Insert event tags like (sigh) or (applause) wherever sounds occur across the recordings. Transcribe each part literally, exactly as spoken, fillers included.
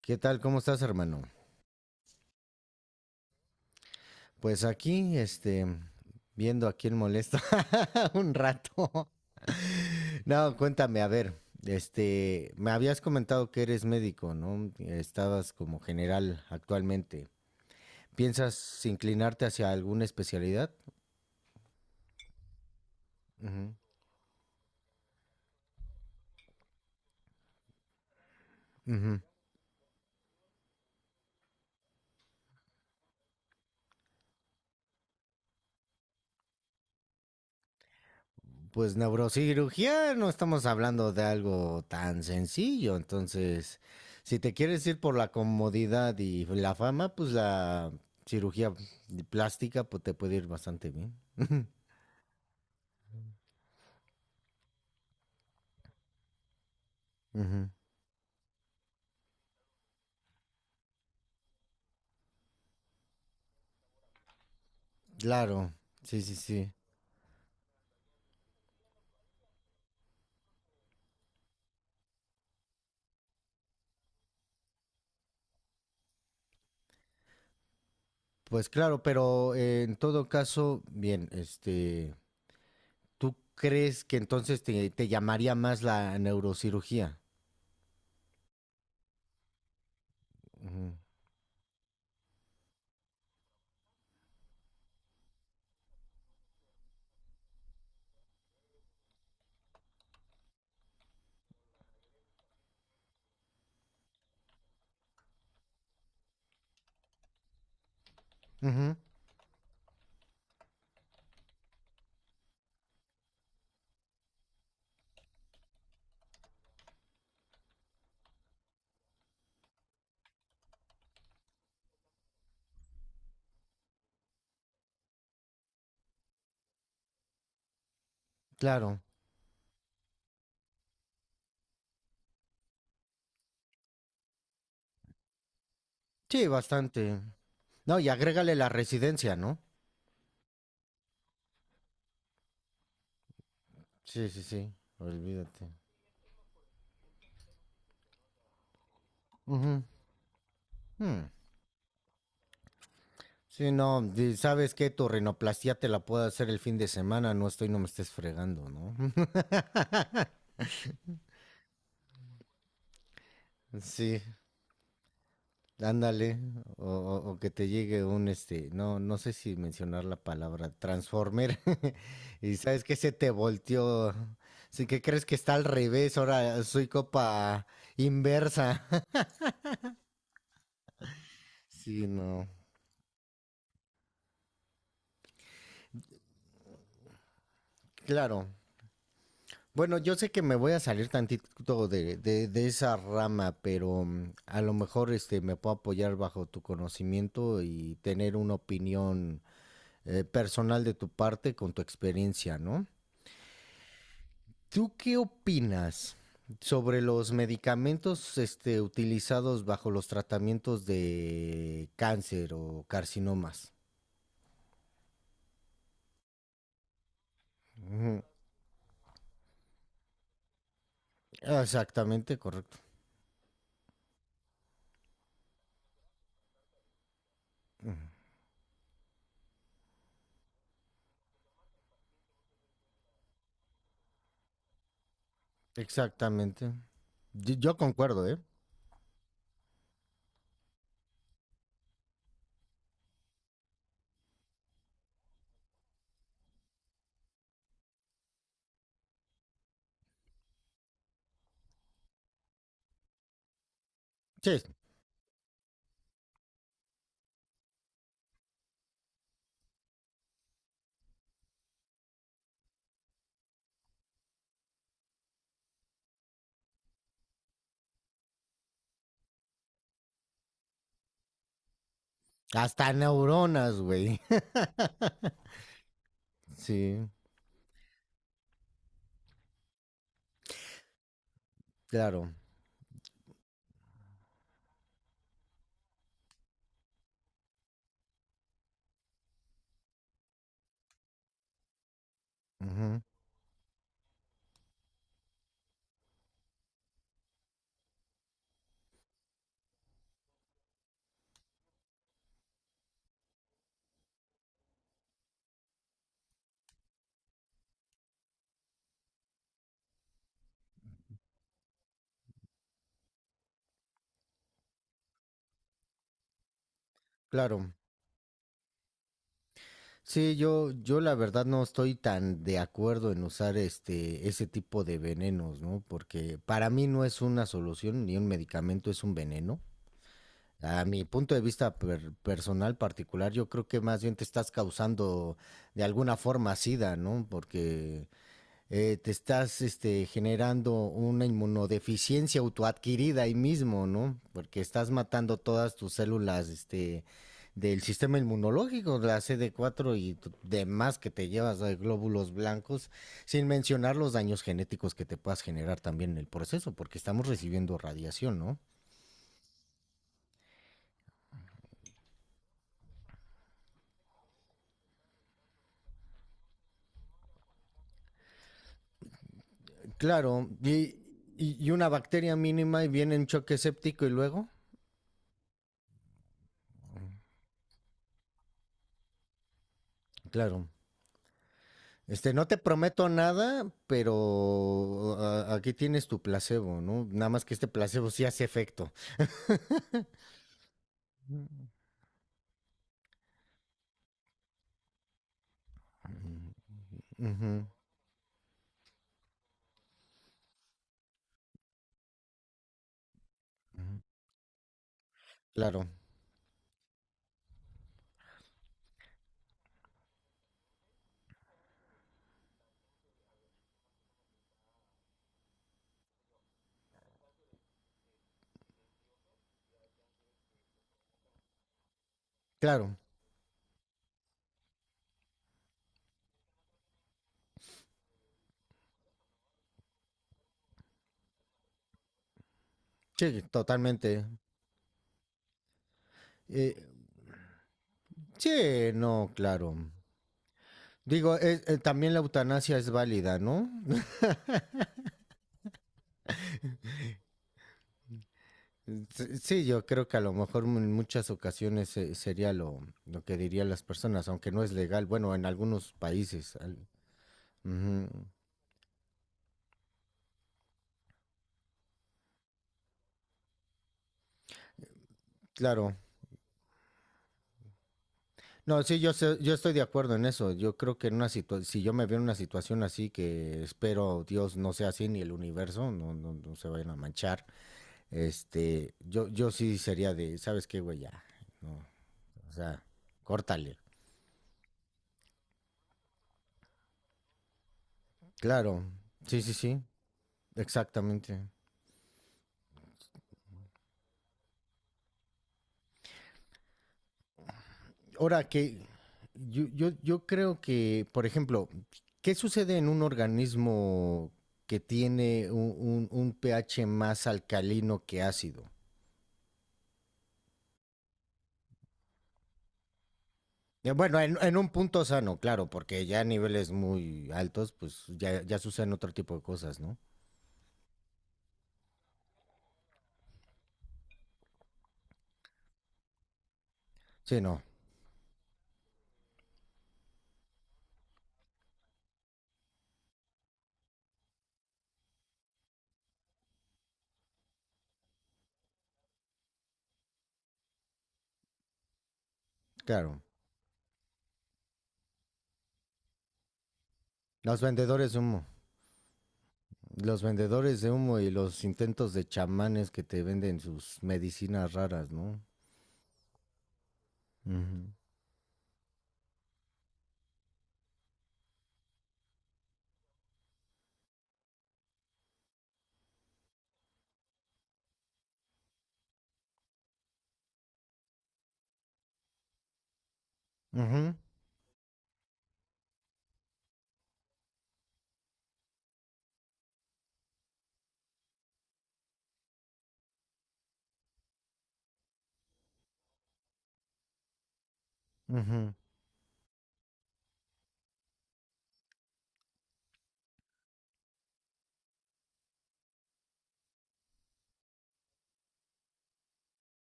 ¿Qué tal? ¿Cómo estás, hermano? Pues aquí, este, viendo a quién molesta (laughs) un rato. No, cuéntame, a ver, este, me habías comentado que eres médico, ¿no? Estabas como general actualmente. ¿Piensas inclinarte hacia alguna especialidad? Ujú, ujú. Pues neurocirugía no estamos hablando de algo tan sencillo, entonces si te quieres ir por la comodidad y la fama, pues la cirugía plástica pues te puede ir bastante bien. Ujú. Claro, sí, sí, sí. Pues claro, pero eh, en todo caso, bien, este, ¿tú crees que entonces te, te llamaría más la neurocirugía? Ujú. Ujú, claro, sí, bastante. No, y agrégale la residencia, ¿no? Sí, sí, sí, olvídate. Ujú. Hmm. Sí, no, di- sabes que tu rinoplastia te la puedo hacer el fin de semana, no estoy, no me estés fregando, ¿no? (laughs) Sí, ándale, o, o- o que te llegue un, este, no, no sé si mencionar la palabra transformer, (laughs) y sabes que se te volteó, sí que crees que está al revés, ahora soy copa inversa. (laughs) Sí, no, claro. Bueno, yo sé que me voy a salir tantito de, de, de esa rama, pero mm, a lo mejor este, me puedo apoyar bajo tu conocimiento y tener una opinión eh, personal de tu parte con tu experiencia, ¿no? ¿Tú qué opinas sobre los medicamentos este, utilizados bajo los tratamientos de cáncer o carcinomas? Ujú. Exactamente, correcto. Exactamente. Yo, yo concuerdo, ¿eh? Sí, hasta neuronas, güey. Sí, claro. Ujú, claro. Sí, yo, yo la verdad no estoy tan de acuerdo en usar este, ese tipo de venenos, ¿no? Porque para mí no es una solución ni un medicamento, es un veneno. A mi punto de vista per- personal particular, yo creo que más bien te estás causando de alguna forma sida, ¿no? Porque eh, te estás este, generando una inmunodeficiencia autoadquirida ahí mismo, ¿no? Porque estás matando todas tus células este, del sistema inmunológico, la C D cuatro y demás que te llevas de glóbulos blancos, sin mencionar los daños genéticos que te puedas generar también en el proceso, porque estamos recibiendo radiación, ¿no? Claro, y, y y una bacteria mínima y viene en choque séptico y luego, claro. Este, no te prometo nada, pero a- aquí tienes tu placebo, ¿no? Nada más que este placebo sí hace efecto. Ujú, ujú. Claro, claro. Sí, totalmente. Eh, sí, no, claro. Digo, eh, eh, también la eutanasia es válida, ¿no? (laughs) Sí, sí, yo creo que a lo mejor en muchas ocasiones eh, sería lo, lo que dirían las personas, aunque no es legal, bueno, en algunos países. Al- ujú, claro. No, sí, yo, sé- yo estoy de acuerdo en eso. Yo creo que en una situa- si yo me veo en una situación así, que espero Dios no sea así, ni el universo, no, no, no se vayan a manchar, este, yo, yo sí sería de, ¿sabes qué, güey? Ya, no, o sea, córtale. Claro, sí, sí, sí, exactamente. Ahora que yo, yo, yo creo que, por ejemplo, ¿qué sucede en un organismo que tiene un, un un pH más alcalino que ácido? Eh, Bueno, en, en un punto sano, claro, porque ya a niveles muy altos, pues ya, ya suceden otro tipo de cosas, ¿no? Sí, no, claro. Los vendedores de humo, los vendedores de humo y los intentos de chamanes que te venden sus medicinas raras, ¿no? Ujú. Ujú, ujú,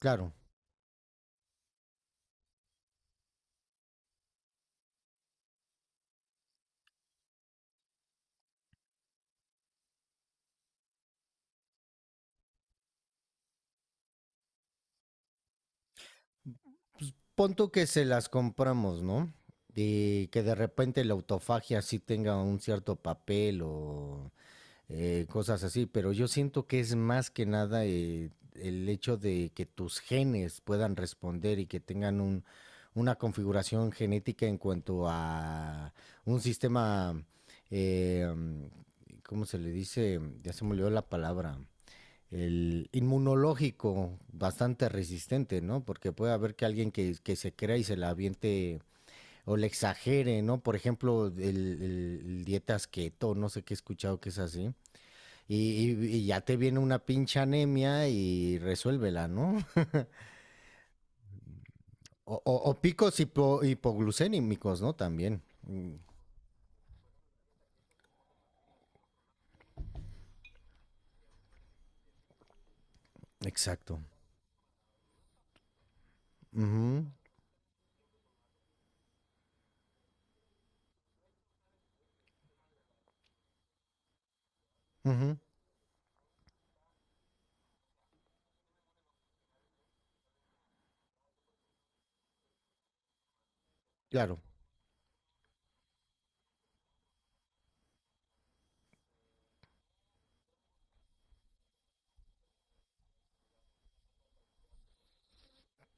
claro. Punto que se las compramos, ¿no? Y que de repente la autofagia sí tenga un cierto papel o eh, cosas así, pero yo siento que es más que nada eh, el hecho de que tus genes puedan responder y que tengan un, una configuración genética en cuanto a un sistema, eh, ¿cómo se le dice? Ya se me olvidó la palabra. El inmunológico bastante resistente, ¿no? Porque puede haber que alguien que, que se crea y se la aviente o le exagere, ¿no? Por ejemplo, el, el, el dietas keto, no sé qué he escuchado que es así y, y- y ya te viene una pinche anemia y resuélvela, ¿no? (laughs) O, o- o picos hipo- hipoglucémicos, ¿no? También. Mm, exacto. Ujú, ujú, claro.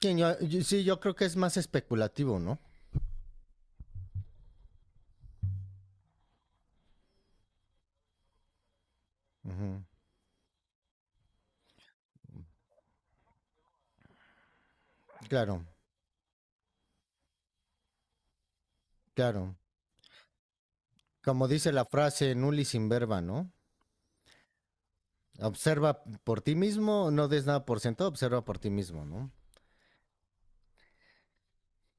Sí yo, yo- sí, yo creo que es más especulativo, ¿no? Ujú, claro, claro. Como dice la frase, nullis in verba, ¿no? Observa por ti mismo, no des nada por sentado, observa por ti mismo, ¿no?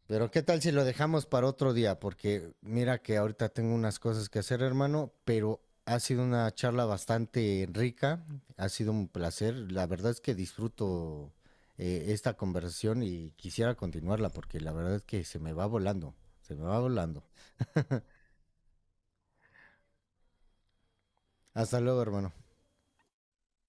Pero qué tal si lo dejamos para otro día, porque mira que ahorita tengo unas cosas que hacer, hermano, pero ha sido una charla bastante rica, ha sido un placer, la verdad es que disfruto eh, esta conversación y quisiera continuarla, porque la verdad es que se me va volando, se me va volando. Hasta luego, hermano.